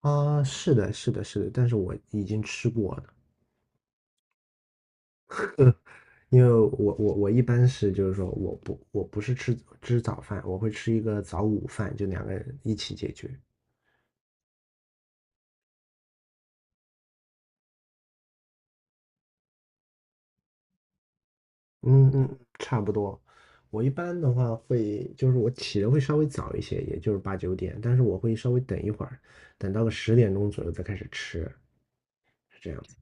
啊，是的，是的，是的，但是我已经吃过了，因为我一般是就是说我不是吃早饭，我会吃一个早午饭，就两个人一起解决。嗯嗯，差不多。我一般的话会就是我起的会稍微早一些，也就是8、9点，但是我会稍微等一会儿，等到个10点钟左右再开始吃，是这样子。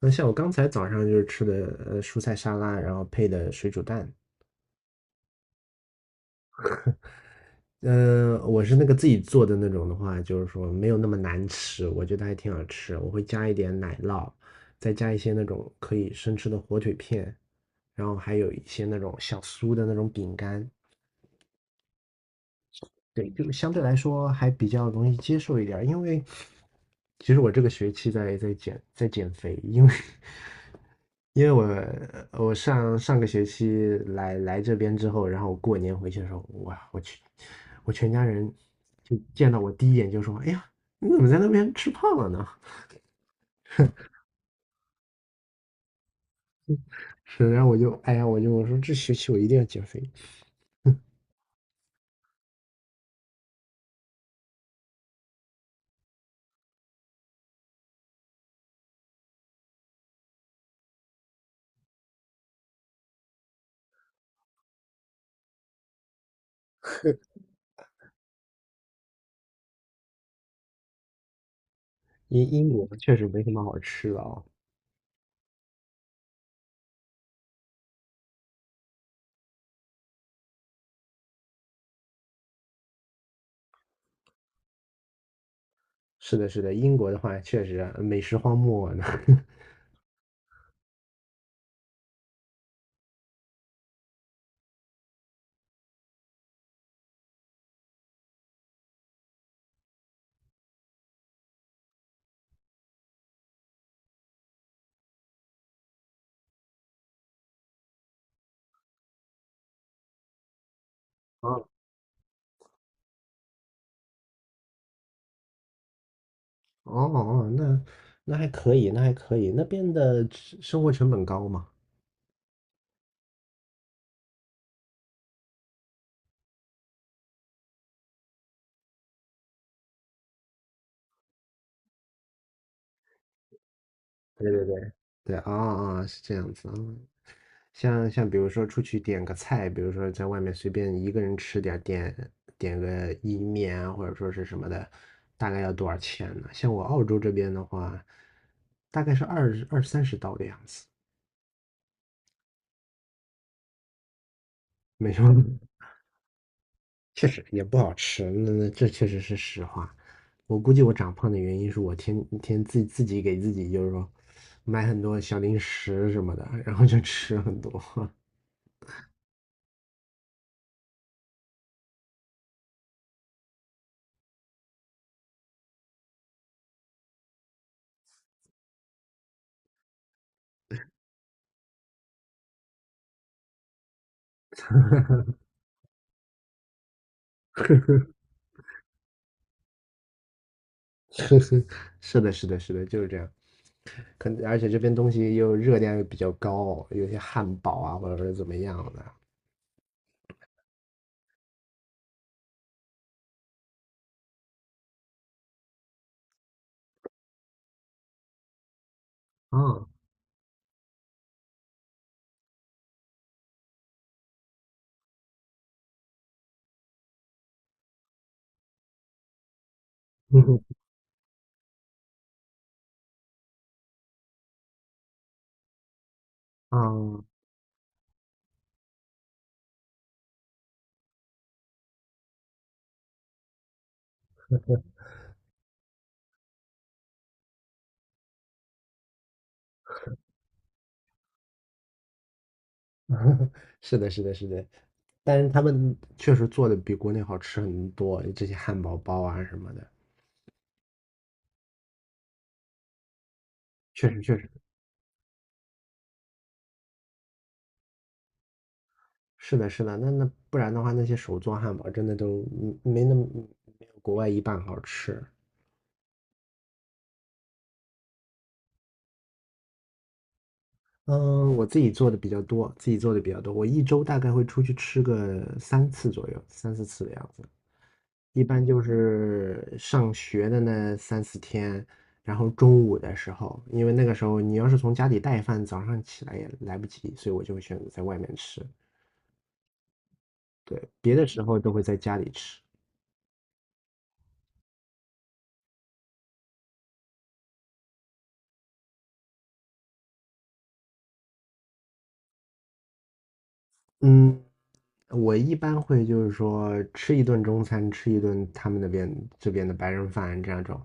那像我刚才早上就是吃的蔬菜沙拉，然后配的水煮蛋，嗯、我是那个自己做的那种的话，就是说没有那么难吃，我觉得还挺好吃。我会加一点奶酪，再加一些那种可以生吃的火腿片，然后还有一些那种小酥的那种饼干，对，就相对来说还比较容易接受一点儿因为其实我这个学期在减肥，因为 我上个学期来这边之后，然后过年回去的时候，哇，我去，我全家人就见到我第一眼就说：“哎呀，你怎么在那边吃胖了呢？”是，然后我就哎呀，我说这学期我一定要减肥。英国确实没什么好吃的啊、是的，是的，英国的话确实啊美食荒漠呢。哦哦，那还可以，那还可以。那边的吃生活成本高嘛？对对对，对啊啊，是这样子啊。像比如说出去点个菜，比如说在外面随便一个人吃点儿点个意面啊，或者说是什么的，大概要多少钱呢？像我澳洲这边的话，大概是二三十刀的样子，没什么，确实也不好吃，那这确实是实话。我估计我长胖的原因是我天天自己给自己就是说买很多小零食什么的，然后就吃很多。是的，是的，是的，就是这样。可能而且这边东西又热量又比较高，有些汉堡啊或者是怎么样的啊，嗯啊，是的，是的，是的。但是他们确实做的比国内好吃很多，这些汉堡包啊什么的，确实确实。是的，是的，那不然的话，那些手做汉堡真的都嗯没那么没有国外一半好吃。嗯，我自己做的比较多，自己做的比较多。我一周大概会出去吃个3次左右，三四次的样子。一般就是上学的那三四天，然后中午的时候，因为那个时候你要是从家里带饭，早上起来也来不及，所以我就会选择在外面吃。对，别的时候都会在家里吃。嗯，我一般会就是说吃一顿中餐，吃一顿他们那边这边的白人饭这样种。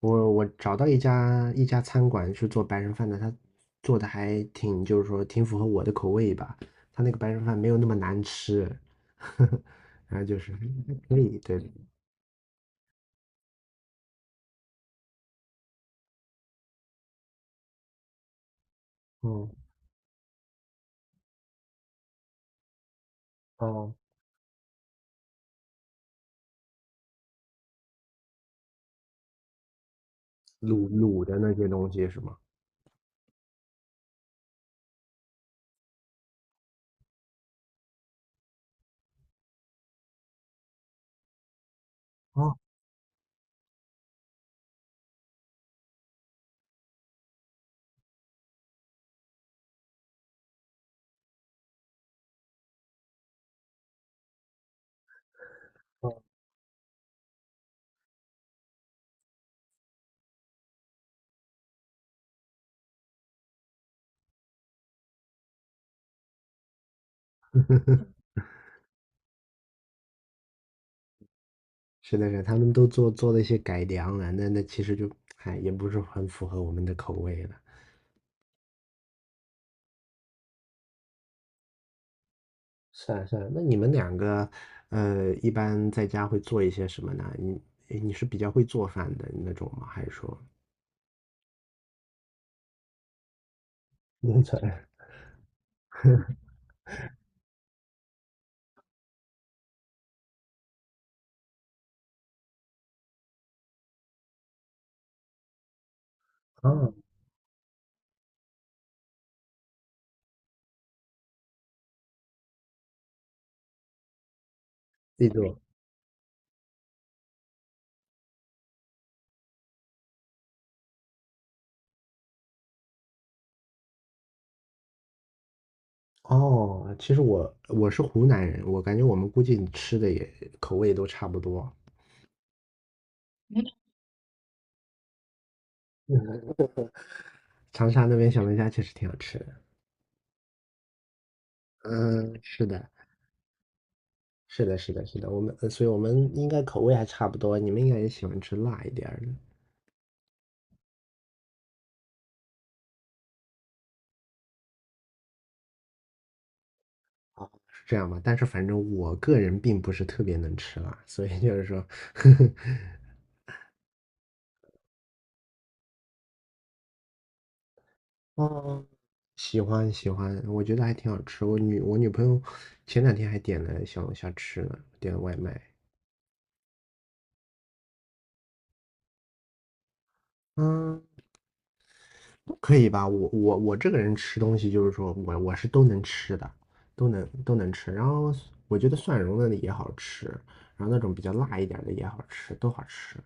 我找到一家餐馆是做白人饭的，他做的还挺就是说挺符合我的口味吧。他那个白人饭没有那么难吃，然后就是还可以，对，哦哦，卤卤的那些东西是吗？哦哦，是的是的他们都做了一些改良了，那其实就哎也不是很符合我们的口味了。是啊，是啊，那你们两个，一般在家会做一些什么呢？你是比较会做饭的那种吗？还是说 农村，啊，自己做哦，其实我是湖南人，我感觉我们估计吃的也口味都差不多。长沙那边小龙虾确实挺好吃的。嗯，是的，是的，是的，是的，我们，所以我们应该口味还差不多，你们应该也喜欢吃辣一点儿的。哦，是这样吧？但是反正我个人并不是特别能吃辣，所以就是说，呵呵，哦，喜欢喜欢，我觉得还挺好吃。我女朋友前2天还点了小龙虾吃呢，点了外卖。嗯，可以吧？我这个人吃东西就是说我是都能吃的，都能吃。然后我觉得蒜蓉的也好吃，然后那种比较辣一点的也好吃，都好吃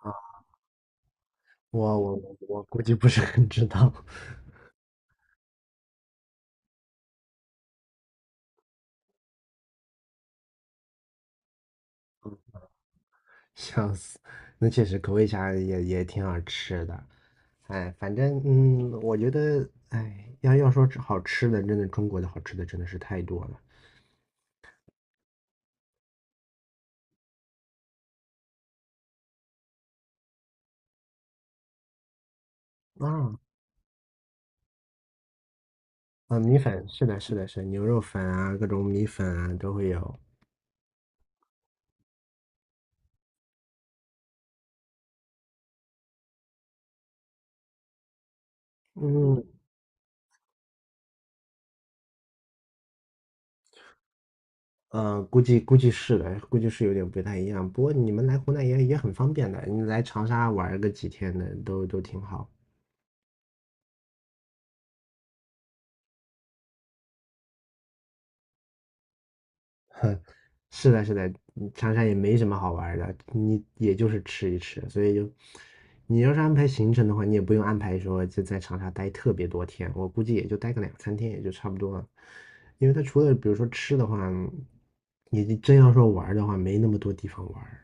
啊。我估计不是很知道。笑死，那确实口味虾也挺好吃的。哎，反正我觉得哎，要说吃好吃的，真的中国的好吃的真的是太多了啊啊！米粉是的，是的，是的牛肉粉啊，各种米粉啊都会有。嗯估计是的，估计是有点不太一样。不过你们来湖南也很方便的，你来长沙玩儿个几天的都挺好。是的，是的，长沙也没什么好玩儿的，你也就是吃一吃，所以就，你要是安排行程的话，你也不用安排说就在长沙待特别多天，我估计也就待个两三天也就差不多了，因为他除了比如说吃的话，你真要说玩儿的话，没那么多地方玩儿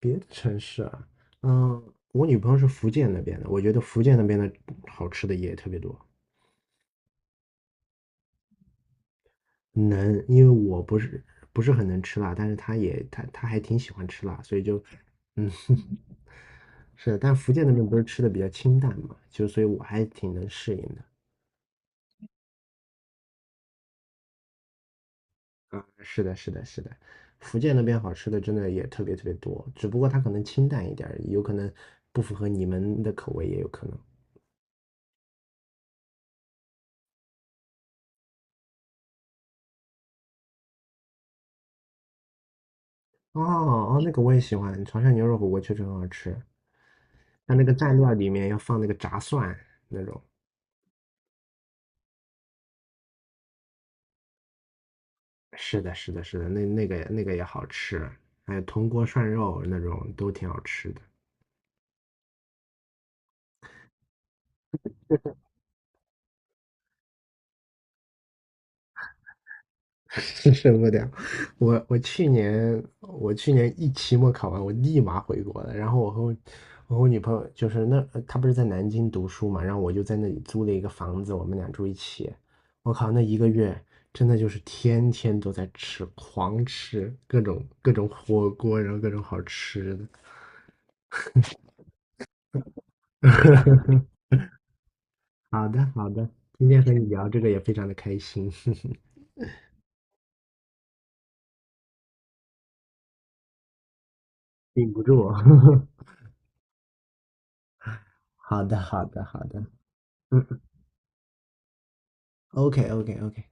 别的城市啊，嗯，我女朋友是福建那边的，我觉得福建那边的好吃的也特别多。能，因为我不是很能吃辣，但是她也她还挺喜欢吃辣，所以就，嗯，是的，但福建那边不是吃的比较清淡嘛，就所以我还挺能适应的。啊，是的，是的，是的，福建那边好吃的真的也特别特别多，只不过它可能清淡一点儿有可能不符合你们的口味，也有可能。哦哦，那个我也喜欢，潮汕牛肉火锅确实很好吃，它那个蘸料里面要放那个炸蒜那种。是的，是的，是的，那那个也好吃，还有铜锅涮肉那种都挺好吃的。是受不了。我去年一期末考完，我立马回国了。然后我和我女朋友就是那她不是在南京读书嘛，然后我就在那里租了一个房子，我们俩住一起。我靠，那1个月真的就是天天都在吃，狂吃各种各种火锅，然后各种好吃的。好的好的，今天和你聊这个也非常的开心，顶不住。好的好的好的，嗯，OK OK OK。